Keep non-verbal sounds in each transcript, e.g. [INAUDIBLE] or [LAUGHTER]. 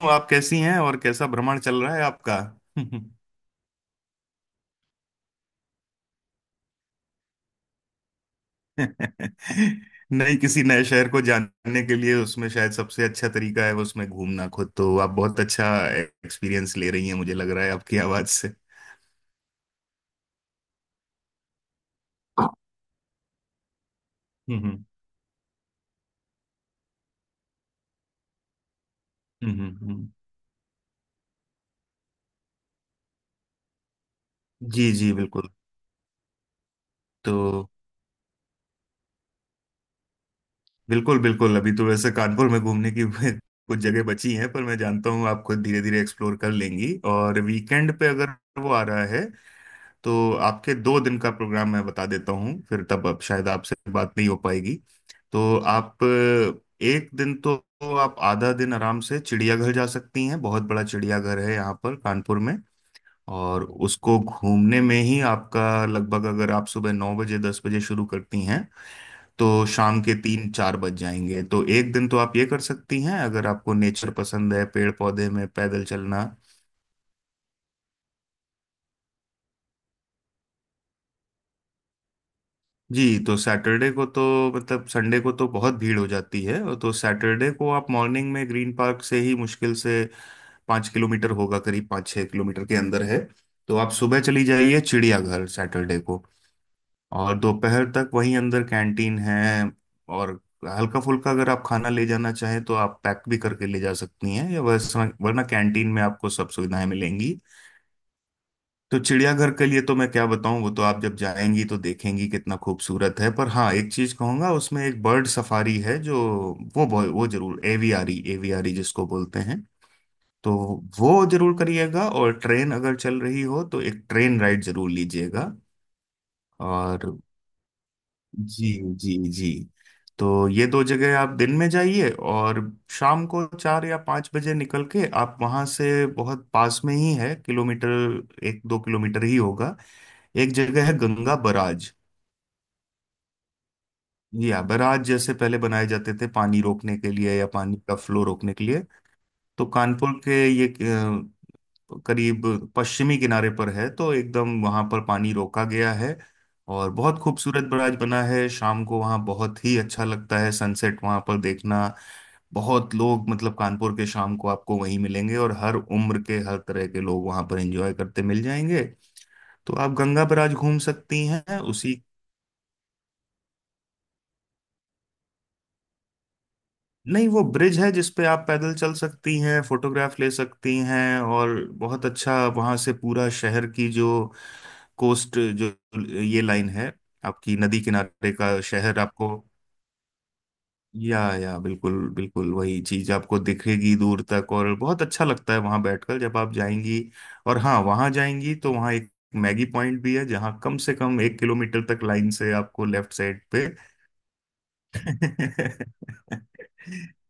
तो आप कैसी हैं? और कैसा भ्रमण चल रहा है आपका? [LAUGHS] नहीं, किसी नए शहर को जानने के लिए उसमें शायद सबसे अच्छा तरीका है उसमें घूमना खुद, तो आप बहुत अच्छा एक्सपीरियंस ले रही हैं, मुझे लग रहा है आपकी आवाज से। हम्म, हम्म, हम्म, हम्म। जी जी बिल्कुल। तो बिल्कुल बिल्कुल, अभी तो वैसे कानपुर में घूमने की [LAUGHS] कुछ जगह बची हैं, पर मैं जानता हूँ आप खुद धीरे धीरे एक्सप्लोर कर लेंगी, और वीकेंड पे अगर वो आ रहा है तो आपके 2 दिन का प्रोग्राम मैं बता देता हूँ, फिर तब अब शायद आपसे बात नहीं हो पाएगी। तो आप एक दिन तो आप आधा दिन आराम से चिड़ियाघर जा सकती हैं। बहुत बड़ा चिड़ियाघर है यहाँ पर कानपुर में, और उसको घूमने में ही आपका लगभग, अगर आप सुबह 9 बजे 10 बजे शुरू करती हैं तो शाम के तीन चार बज जाएंगे। तो एक दिन तो आप ये कर सकती हैं, अगर आपको नेचर पसंद है, पेड़ पौधे में पैदल चलना। जी तो सैटरडे को तो, मतलब संडे को तो बहुत भीड़ हो जाती है, और तो सैटरडे को आप मॉर्निंग में ग्रीन पार्क से ही मुश्किल से 5 किलोमीटर होगा, करीब पाँच छः किलोमीटर के अंदर है। तो आप सुबह चली जाइए चिड़ियाघर सैटरडे को। और दोपहर तक वहीं अंदर कैंटीन है, और हल्का फुल्का अगर आप खाना ले जाना चाहें तो आप पैक भी करके ले जा सकती हैं, या वैसा वरना कैंटीन में आपको सब सुविधाएं मिलेंगी। तो चिड़ियाघर के लिए तो मैं क्या बताऊं, वो तो आप जब जाएंगी तो देखेंगी कितना खूबसूरत है, पर हाँ एक चीज कहूंगा, उसमें एक बर्ड सफारी है जो, वो जरूर, एवियारी, एवियारी जिसको बोलते हैं, तो वो जरूर करिएगा। और ट्रेन अगर चल रही हो तो एक ट्रेन राइड जरूर लीजिएगा। और जी, जी जी। तो ये दो जगह आप दिन में जाइए, और शाम को चार या पाँच बजे निकल के आप वहाँ से, बहुत पास में ही है, किलोमीटर एक दो किलोमीटर ही होगा। एक जगह है गंगा बराज, या बराज जैसे पहले बनाए जाते थे पानी रोकने के लिए, या पानी का फ्लो रोकने के लिए। तो कानपुर के ये करीब पश्चिमी किनारे पर है, तो एकदम वहां पर पानी रोका गया है, और बहुत खूबसूरत बराज बना है। शाम को वहां बहुत ही अच्छा लगता है, सनसेट वहां पर देखना। बहुत लोग, मतलब कानपुर के, शाम को आपको वहीं मिलेंगे, और हर उम्र के हर तरह के लोग वहां पर एंजॉय करते मिल जाएंगे। तो आप गंगा बराज घूम सकती हैं उसी, नहीं वो ब्रिज है जिसपे आप पैदल चल सकती हैं, फोटोग्राफ ले सकती हैं, और बहुत अच्छा वहां से पूरा शहर की जो कोस्ट, जो ये लाइन है, आपकी नदी किनारे का शहर आपको, या बिल्कुल बिल्कुल वही चीज आपको दिखेगी दूर तक, और बहुत अच्छा लगता है वहां बैठकर, जब आप जाएंगी। और हाँ, वहां जाएंगी तो वहां एक मैगी पॉइंट भी है, जहाँ कम से कम 1 किलोमीटर तक लाइन से आपको लेफ्ट साइड पे। [LAUGHS]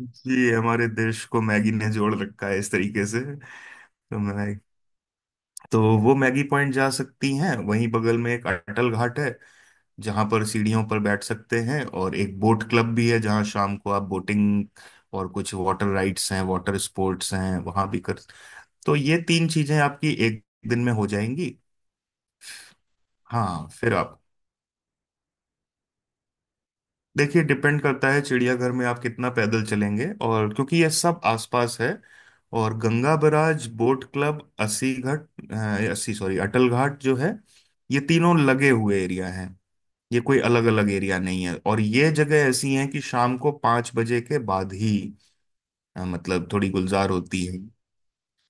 जी हमारे देश को मैगी ने जोड़ रखा है इस तरीके से। तो मैं तो वो मैगी पॉइंट जा सकती हैं। वहीं बगल में एक अटल घाट है जहां पर सीढ़ियों पर बैठ सकते हैं, और एक बोट क्लब भी है जहां शाम को आप बोटिंग और कुछ वाटर राइड्स हैं, वाटर स्पोर्ट्स हैं वहां भी कर, तो ये तीन चीजें आपकी एक दिन में हो जाएंगी। हाँ फिर आप देखिए, डिपेंड करता है चिड़ियाघर में आप कितना पैदल चलेंगे, और क्योंकि ये सब आसपास है। और Ganga barrage, boat club, Assi घाट अस्सी सॉरी अटल घाट जो है, ये तीनों लगे हुए एरिया हैं, ये कोई अलग अलग एरिया नहीं है। और ये जगह ऐसी हैं कि शाम को 5 बजे के बाद ही मतलब थोड़ी गुलजार होती है।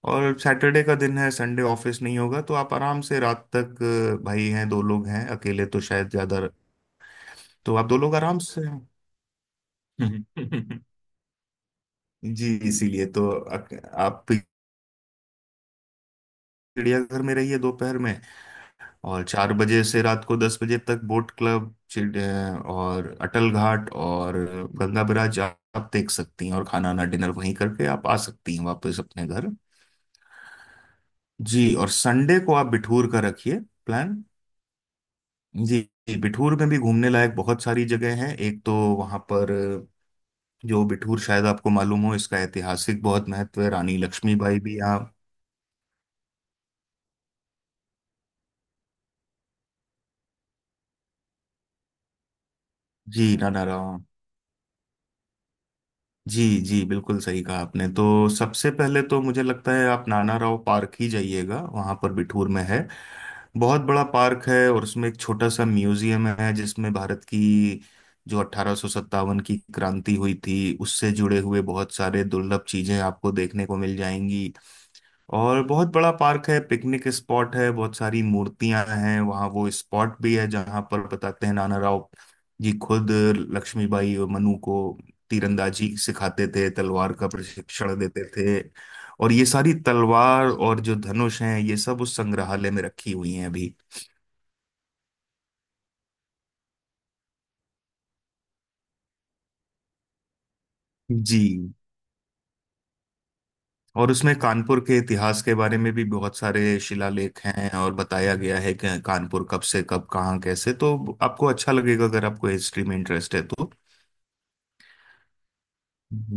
और सैटरडे का दिन है, संडे ऑफिस नहीं होगा तो आप आराम से रात तक, भाई हैं, दो लोग हैं, अकेले तो शायद ज्यादा, तो आप दो लोग आराम से। [LAUGHS] जी इसीलिए तो आप चिड़ियाघर में रहिए दोपहर में, और 4 बजे से रात को 10 बजे तक बोट क्लब, और अटल घाट और गंगा बैराज आप देख सकती हैं, और खाना, ना, डिनर वहीं करके आप आ सकती हैं वापस अपने घर। जी। और संडे को आप बिठूर का रखिए प्लान। जी। जी, बिठूर में भी घूमने लायक बहुत सारी जगह हैं, एक तो वहाँ पर जो बिठूर, शायद आपको मालूम हो, इसका ऐतिहासिक बहुत महत्व है, रानी लक्ष्मीबाई भी यहाँ, जी ना, जी जी बिल्कुल सही कहा आपने। तो सबसे पहले तो मुझे लगता है आप नाना राव पार्क ही जाइएगा, वहाँ पर बिठूर में है। बहुत बड़ा पार्क है, और उसमें एक छोटा सा म्यूजियम है जिसमें भारत की जो 1857 की क्रांति हुई थी, उससे जुड़े हुए बहुत सारे दुर्लभ चीजें आपको देखने को मिल जाएंगी। और बहुत बड़ा पार्क है, पिकनिक स्पॉट है, बहुत सारी मूर्तियां हैं वहाँ, वो स्पॉट भी है जहाँ पर बताते हैं नाना राव जी खुद लक्ष्मीबाई और मनु को तीरंदाजी सिखाते थे, तलवार का प्रशिक्षण देते थे। और ये सारी तलवार और जो धनुष हैं, ये सब उस संग्रहालय में रखी हुई हैं अभी। जी, और उसमें कानपुर के इतिहास के बारे में भी बहुत सारे शिलालेख हैं, और बताया गया है कि कानपुर कब से कब कहाँ कैसे, तो आपको अच्छा लगेगा अगर आपको हिस्ट्री में इंटरेस्ट है तो।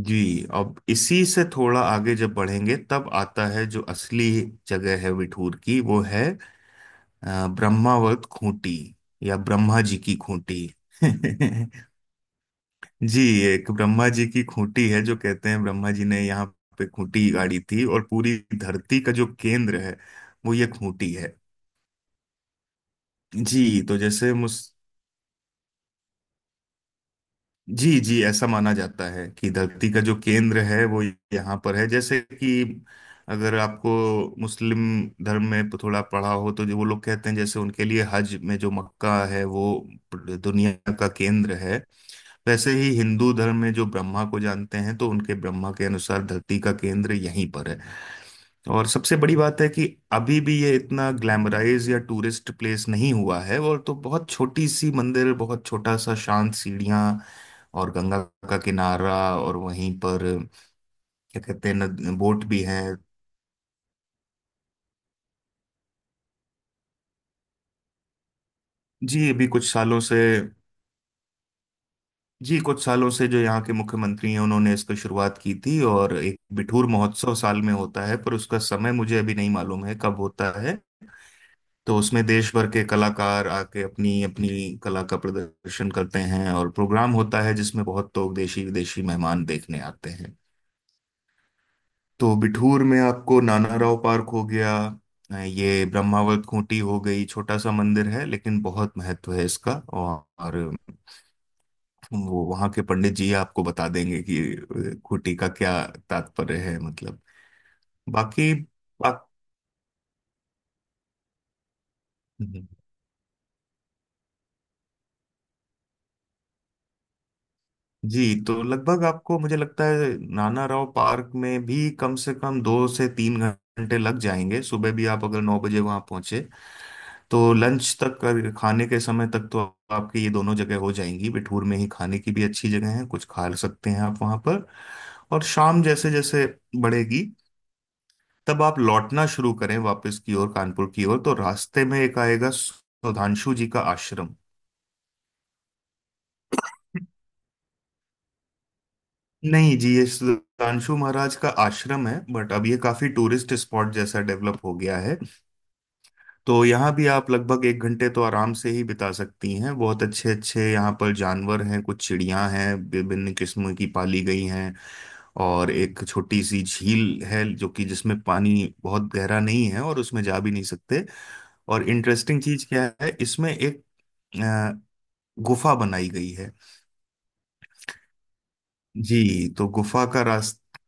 जी। अब इसी से थोड़ा आगे जब बढ़ेंगे तब आता है जो असली जगह है विठूर की, वो है ब्रह्मावर्त खूंटी, या ब्रह्मा जी की खूंटी। [LAUGHS] जी, एक ब्रह्मा जी की खूंटी है, जो कहते हैं ब्रह्मा जी ने यहाँ पे खूंटी गाड़ी थी, और पूरी धरती का जो केंद्र है वो ये खूंटी है। जी तो जैसे मुझ जी जी ऐसा माना जाता है कि धरती का जो केंद्र है वो यहाँ पर है, जैसे कि अगर आपको मुस्लिम धर्म में तो थोड़ा पढ़ा हो तो जो वो लोग कहते हैं, जैसे उनके लिए हज में जो मक्का है वो दुनिया का केंद्र है, वैसे ही हिंदू धर्म में जो ब्रह्मा को जानते हैं तो उनके ब्रह्मा के अनुसार धरती का केंद्र यहीं पर है। और सबसे बड़ी बात है कि अभी भी ये इतना ग्लैमराइज या टूरिस्ट प्लेस नहीं हुआ है, और तो बहुत छोटी सी मंदिर, बहुत छोटा सा शांत, सीढ़ियाँ, और गंगा का किनारा, और वहीं पर क्या कहते हैं बोट भी है। जी, अभी कुछ सालों से। जी, कुछ सालों से जो यहाँ के मुख्यमंत्री हैं उन्होंने इसकी शुरुआत की थी, और एक बिठूर महोत्सव साल में होता है, पर उसका समय मुझे अभी नहीं मालूम है कब होता है। तो उसमें देश भर के कलाकार आके अपनी अपनी कला का प्रदर्शन करते हैं, और प्रोग्राम होता है जिसमें बहुत लोग देशी विदेशी मेहमान देखने आते हैं। तो बिठूर में आपको नाना राव पार्क हो गया, ये ब्रह्मावत खूंटी हो गई, छोटा सा मंदिर है लेकिन बहुत महत्व है इसका, और वो वहाँ के पंडित जी आपको बता देंगे कि खूंटी का क्या तात्पर्य है, मतलब। बाकी बाक, जी तो लगभग आपको, मुझे लगता है नाना राव पार्क में भी कम से कम 2 से 3 घंटे लग जाएंगे। सुबह भी आप अगर 9 बजे वहाँ पहुँचे तो लंच तक और खाने के समय तक तो आपके ये दोनों जगह हो जाएंगी। बिठूर में ही खाने की भी अच्छी जगह है, कुछ खा सकते हैं आप वहाँ पर। और शाम जैसे जैसे बढ़ेगी, तब आप लौटना शुरू करें वापस की ओर, कानपुर की ओर, तो रास्ते में एक आएगा सुधांशु जी का आश्रम। नहीं जी, ये सुधांशु महाराज का आश्रम है, बट अब ये काफी टूरिस्ट स्पॉट जैसा डेवलप हो गया है। तो यहाँ भी आप लगभग 1 घंटे तो आराम से ही बिता सकती हैं। बहुत अच्छे अच्छे यहाँ पर जानवर हैं, कुछ चिड़ियाँ हैं विभिन्न किस्म की पाली गई हैं, और एक छोटी सी झील है जो कि, जिसमें पानी बहुत गहरा नहीं है, और उसमें जा भी नहीं सकते। और इंटरेस्टिंग चीज क्या है इसमें, एक अ, गुफा बनाई गई है। जी, तो गुफा का रास्ता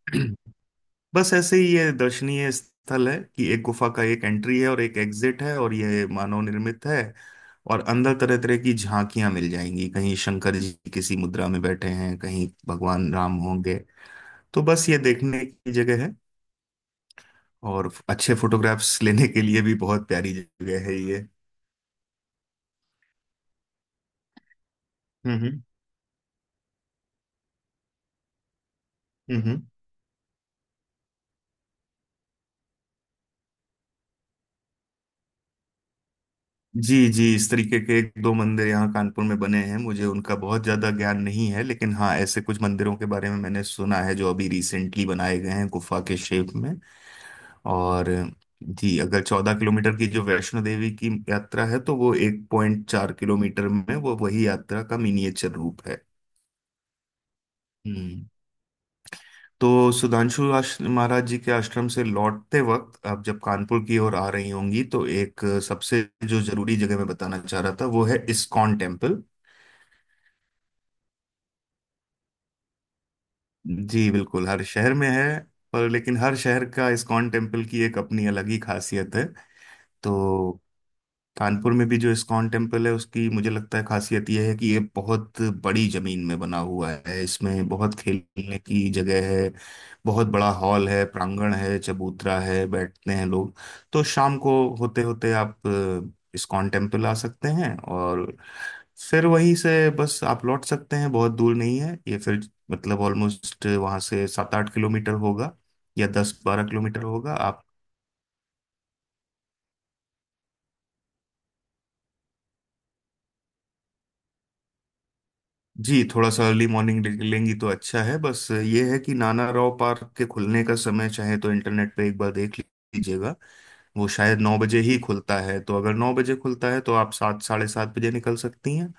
[CLEARS THROAT] बस ऐसे ही ये दर्शनीय स्थल है कि एक गुफा का एक एंट्री है और एक एग्जिट है, और ये मानव निर्मित है। और अंदर तरह तरह की झांकियां मिल जाएंगी, कहीं शंकर जी किसी मुद्रा में बैठे हैं, कहीं भगवान राम होंगे। तो बस ये देखने की जगह है, और अच्छे फोटोग्राफ्स लेने के लिए भी बहुत प्यारी जगह है ये। हम्म, हम्म। जी जी, इस तरीके के एक दो मंदिर यहाँ कानपुर में बने हैं, मुझे उनका बहुत ज्यादा ज्ञान नहीं है, लेकिन हाँ ऐसे कुछ मंदिरों के बारे में मैंने सुना है जो अभी रिसेंटली बनाए गए हैं गुफा के शेप में। और जी, अगर 14 किलोमीटर की जो वैष्णो देवी की यात्रा है, तो वो 1.4 किलोमीटर में वो वही यात्रा का मिनिएचर रूप है। हम्म। तो सुधांशु महाराज जी के आश्रम से लौटते वक्त आप जब कानपुर की ओर आ रही होंगी तो एक सबसे जो जरूरी जगह मैं बताना चाह रहा था, वो है इस्कॉन टेम्पल। जी बिल्कुल, हर शहर में है। पर लेकिन हर शहर का इस्कॉन टेम्पल की एक अपनी अलग ही खासियत है। तो कानपुर में भी जो इस्कॉन टेम्पल है, उसकी मुझे लगता है खासियत यह है कि ये बहुत बड़ी जमीन में बना हुआ है, इसमें बहुत खेलने की जगह है, बहुत बड़ा हॉल है, प्रांगण है, चबूतरा है, बैठते हैं लोग। तो शाम को होते होते आप इस्कॉन टेम्पल आ सकते हैं, और फिर वहीं से बस आप लौट सकते हैं, बहुत दूर नहीं है ये, फिर मतलब ऑलमोस्ट वहाँ से सात आठ किलोमीटर होगा, या दस बारह किलोमीटर होगा आप। जी थोड़ा सा अर्ली मॉर्निंग लेंगी तो अच्छा है, बस ये है कि नाना राव पार्क के खुलने का समय चाहे तो इंटरनेट पे एक बार देख लीजिएगा। वो शायद 9 बजे ही खुलता है, तो अगर 9 बजे खुलता है तो आप सात साढ़े सात बजे निकल सकती हैं।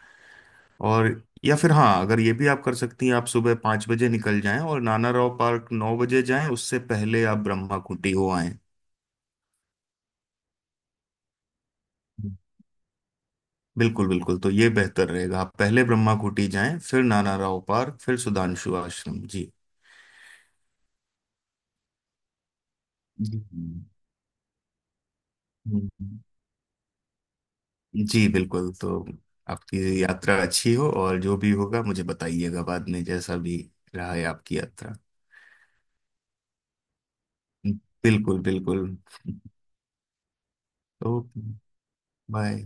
और, या फिर हाँ, अगर ये भी आप कर सकती हैं, आप सुबह 5 बजे निकल जाएं और नाना राव पार्क 9 बजे जाएं, उससे पहले आप ब्रह्मा कुटी हो आएं। बिल्कुल बिल्कुल, तो ये बेहतर रहेगा आप पहले ब्रह्मा कुटी जाएं फिर नाना राव पार्क फिर सुधांशु आश्रम जी। जी जी बिल्कुल। तो आपकी यात्रा अच्छी हो, और जो भी होगा मुझे बताइएगा बाद में, जैसा भी रहा है आपकी यात्रा। बिल्कुल बिल्कुल। तो बाय।